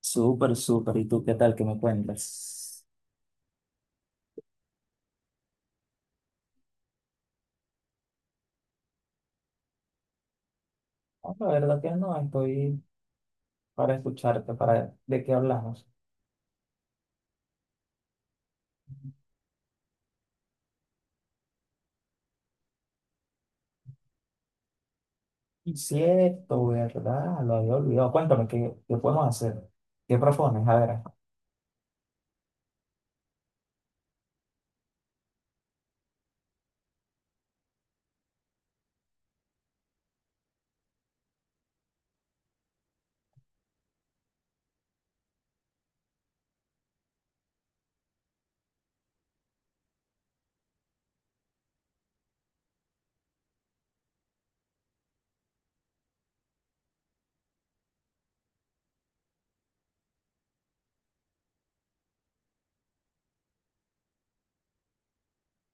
Súper, súper. ¿Y tú qué tal? ¿Qué me cuentas? No, la verdad que no, estoy para escucharte, para de qué hablamos. Cierto, ¿verdad? Lo había olvidado. Cuéntame, ¿qué podemos hacer? ¿Qué propones? A ver.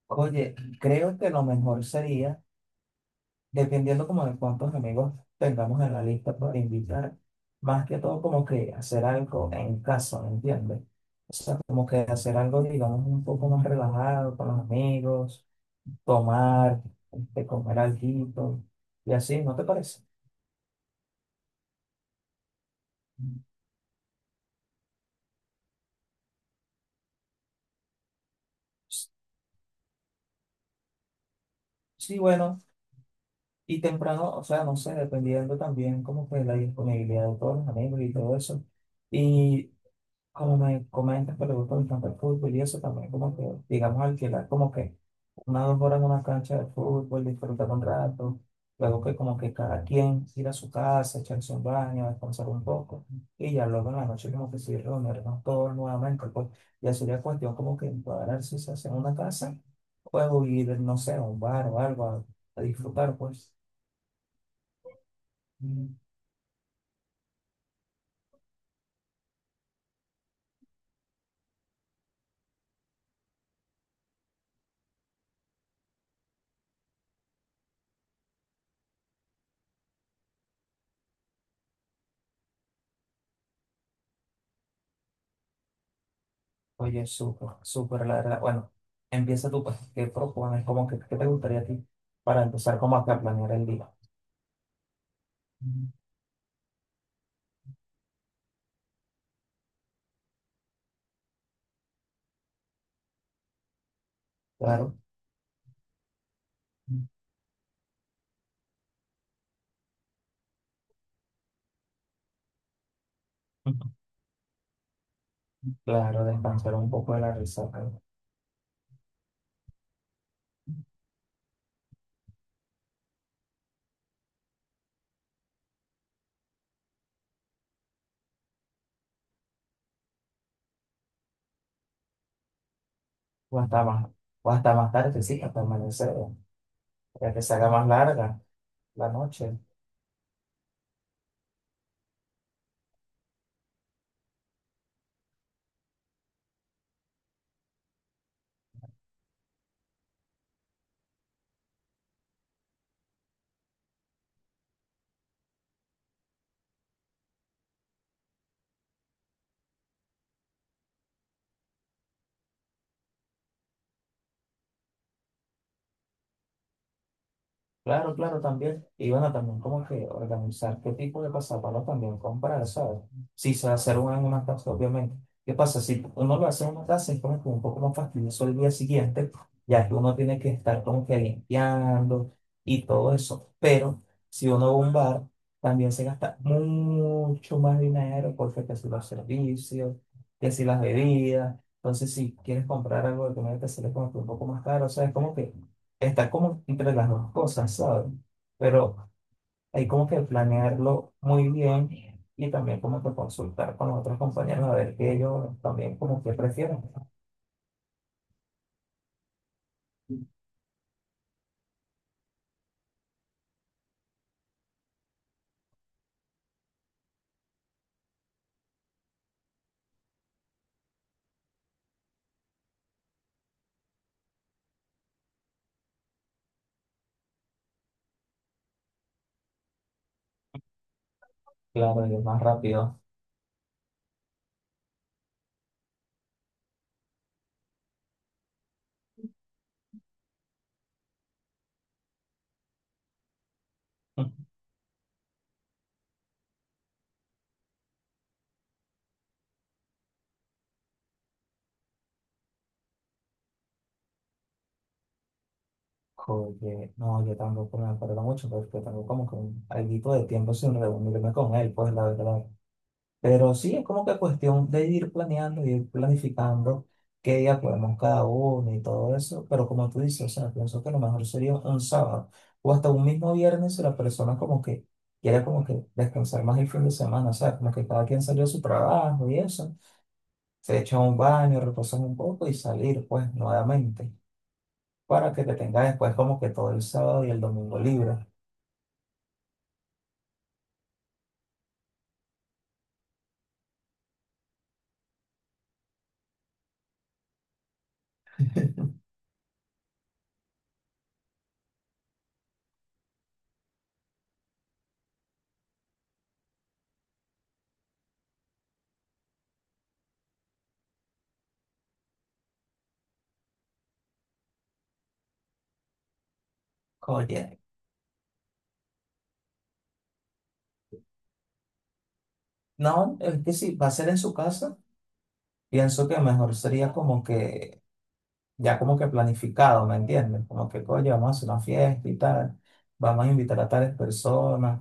Oye, creo que lo mejor sería, dependiendo como de cuántos amigos tengamos en la lista para invitar, más que todo como que hacer algo en casa, ¿me entiendes? O sea, como que hacer algo, digamos, un poco más relajado con los amigos tomar, comer alguito y así, ¿no te parece? Sí, bueno, y temprano, o sea, no sé, dependiendo también como que la disponibilidad de todos los amigos y todo eso. Y como me comentas que le gusta bastante el fútbol y eso también, como que, digamos, alquilar como que unas 2 horas en una cancha de fútbol, disfrutar un rato, luego que como que cada quien ir a su casa, echarse un baño, descansar un poco, y ya luego en la noche como que sí reunirnos todos nuevamente, pues ya sería cuestión como que encuadrar si se hace en una casa, o ir, no sé, a un bar o algo a disfrutar, pues. Mm. Oye, súper, súper, la verdad. Bueno, empieza tú, pues, ¿qué propones? Como que, ¿qué te gustaría a ti para empezar como acá a planear el día? Mm. Claro. Claro, descansar un poco de la resaca. O hasta más, o hasta más tarde, sí, hasta amanecer, ya que se haga más larga la noche. Claro, claro, también. Y bueno, también como que organizar qué tipo de pasapalos también comprar, ¿sabes? Si se va a hacer una en una casa, obviamente. ¿Qué pasa? Si uno lo hace en una casa, es como que un poco más fastidioso el día siguiente, ya que uno tiene que estar como que limpiando y todo eso. Pero si uno va a un bar, también se gasta mucho más dinero, porque que si los servicios, que si las bebidas. Entonces, si quieres comprar algo de comida, te sale como que un poco más caro, ¿sabes? Como que está como entre las dos cosas, ¿sabes? Pero hay como que planearlo muy bien y también como que consultar con los otros compañeros a ver qué ellos también como que prefieren. Claro, y es más rápido. Oye, no, yo tampoco me acuerdo mucho porque tengo como que un alguito de tiempo sin reunirme con él, pues la verdad. Pero sí, es como que cuestión de ir planeando, ir planificando qué día podemos cada uno y todo eso. Pero como tú dices, o sea, pienso que lo mejor sería un sábado o hasta un mismo viernes si la persona como que quiere como que descansar más el fin de semana. O sea, como que cada quien salió de su trabajo y eso. Se echa un baño, reposa un poco y salir pues nuevamente para que te tenga después como que todo el sábado y el domingo libre. Oye, no, es que si va a ser en su casa, pienso que mejor sería como que ya como que planificado, ¿me entiendes? Como que, coño, vamos a hacer una fiesta y tal, vamos a invitar a tales personas,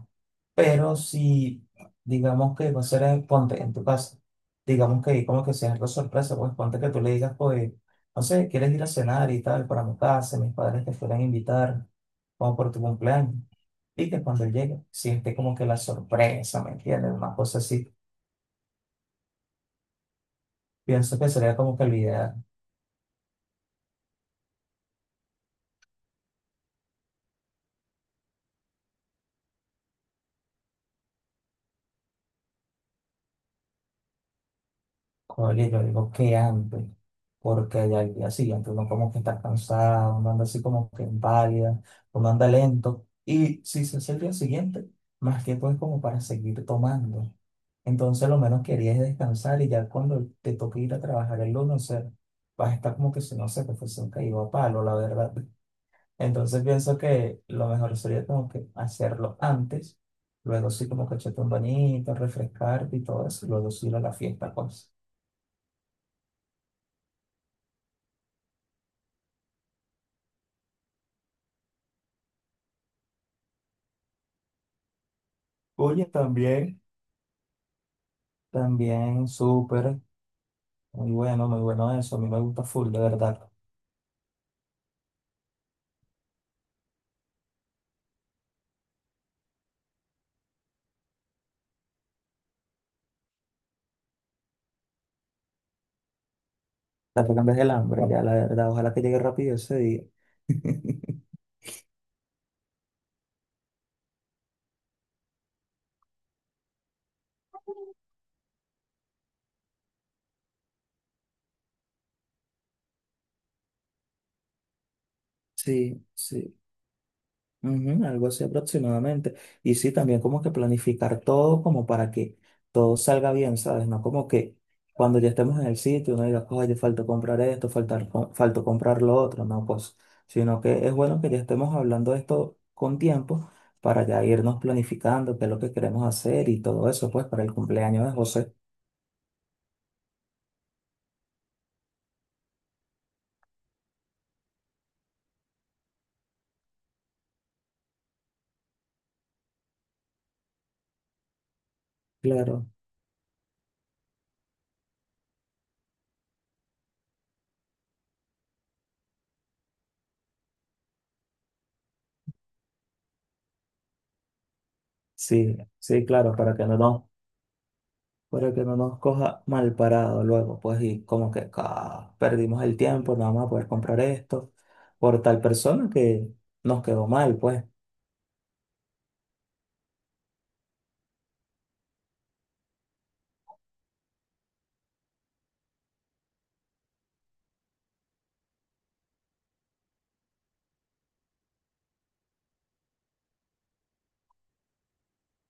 pero si, digamos que va a ser en, ponte, en tu casa, digamos que como que sea algo sorpresa, pues ponte que tú le digas, pues, no sé, quieres ir a cenar y tal, para mi casa, mis padres te fueran a invitar, como por tu cumpleaños, y que cuando él llegue, siente como que la sorpresa, ¿me entiendes? Una cosa así, pienso que sería como que la idea. Oye, yo digo que antes, porque ya el día siguiente uno como que está cansado, uno anda así como que inválida, uno anda lento. Y si se hace el día siguiente, más tiempo es como para seguir tomando. Entonces lo menos quería es descansar y ya cuando te toque ir a trabajar el lunes, o sea, vas a estar como que si no se te fuese un caído a palo, la verdad. Entonces pienso que lo mejor sería como que hacerlo antes, luego sí como que echarte un bañito, refrescarte y todo eso, y luego sí ir a la fiesta, pues. Oye, también, también súper, muy bueno, muy bueno eso. A mí me gusta full, de verdad. La que cambias el hambre, ya, la verdad. Ojalá que llegue rápido ese día. Sí, sí. Ujú, algo así aproximadamente. Y sí, también como que planificar todo como para que todo salga bien, ¿sabes? No como que cuando ya estemos en el sitio uno diga, oye, falta comprar esto, falta comprar lo otro, no, pues, sino que es bueno que ya estemos hablando de esto con tiempo para ya irnos planificando qué es lo que queremos hacer y todo eso, pues, para el cumpleaños de José. Claro, sí, sí, claro, para que no nos coja mal parado luego, pues y como que "Ah, perdimos el tiempo, no vamos a poder comprar esto por tal persona que nos quedó mal, pues.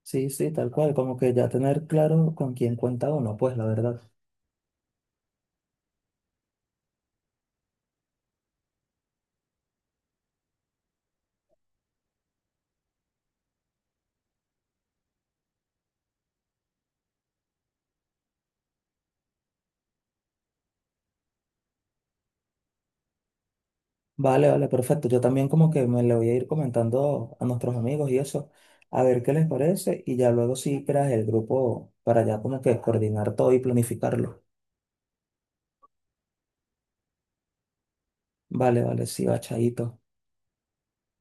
Sí, sí, tal cual, como que ya tener claro con quién cuenta uno, pues la verdad. Vale, vale, perfecto. Yo también como que me le voy a ir comentando a nuestros amigos y eso, a ver qué les parece y ya luego sí creas el grupo para ya como que coordinar todo y planificarlo. Vale, vale, sí, va, chaito.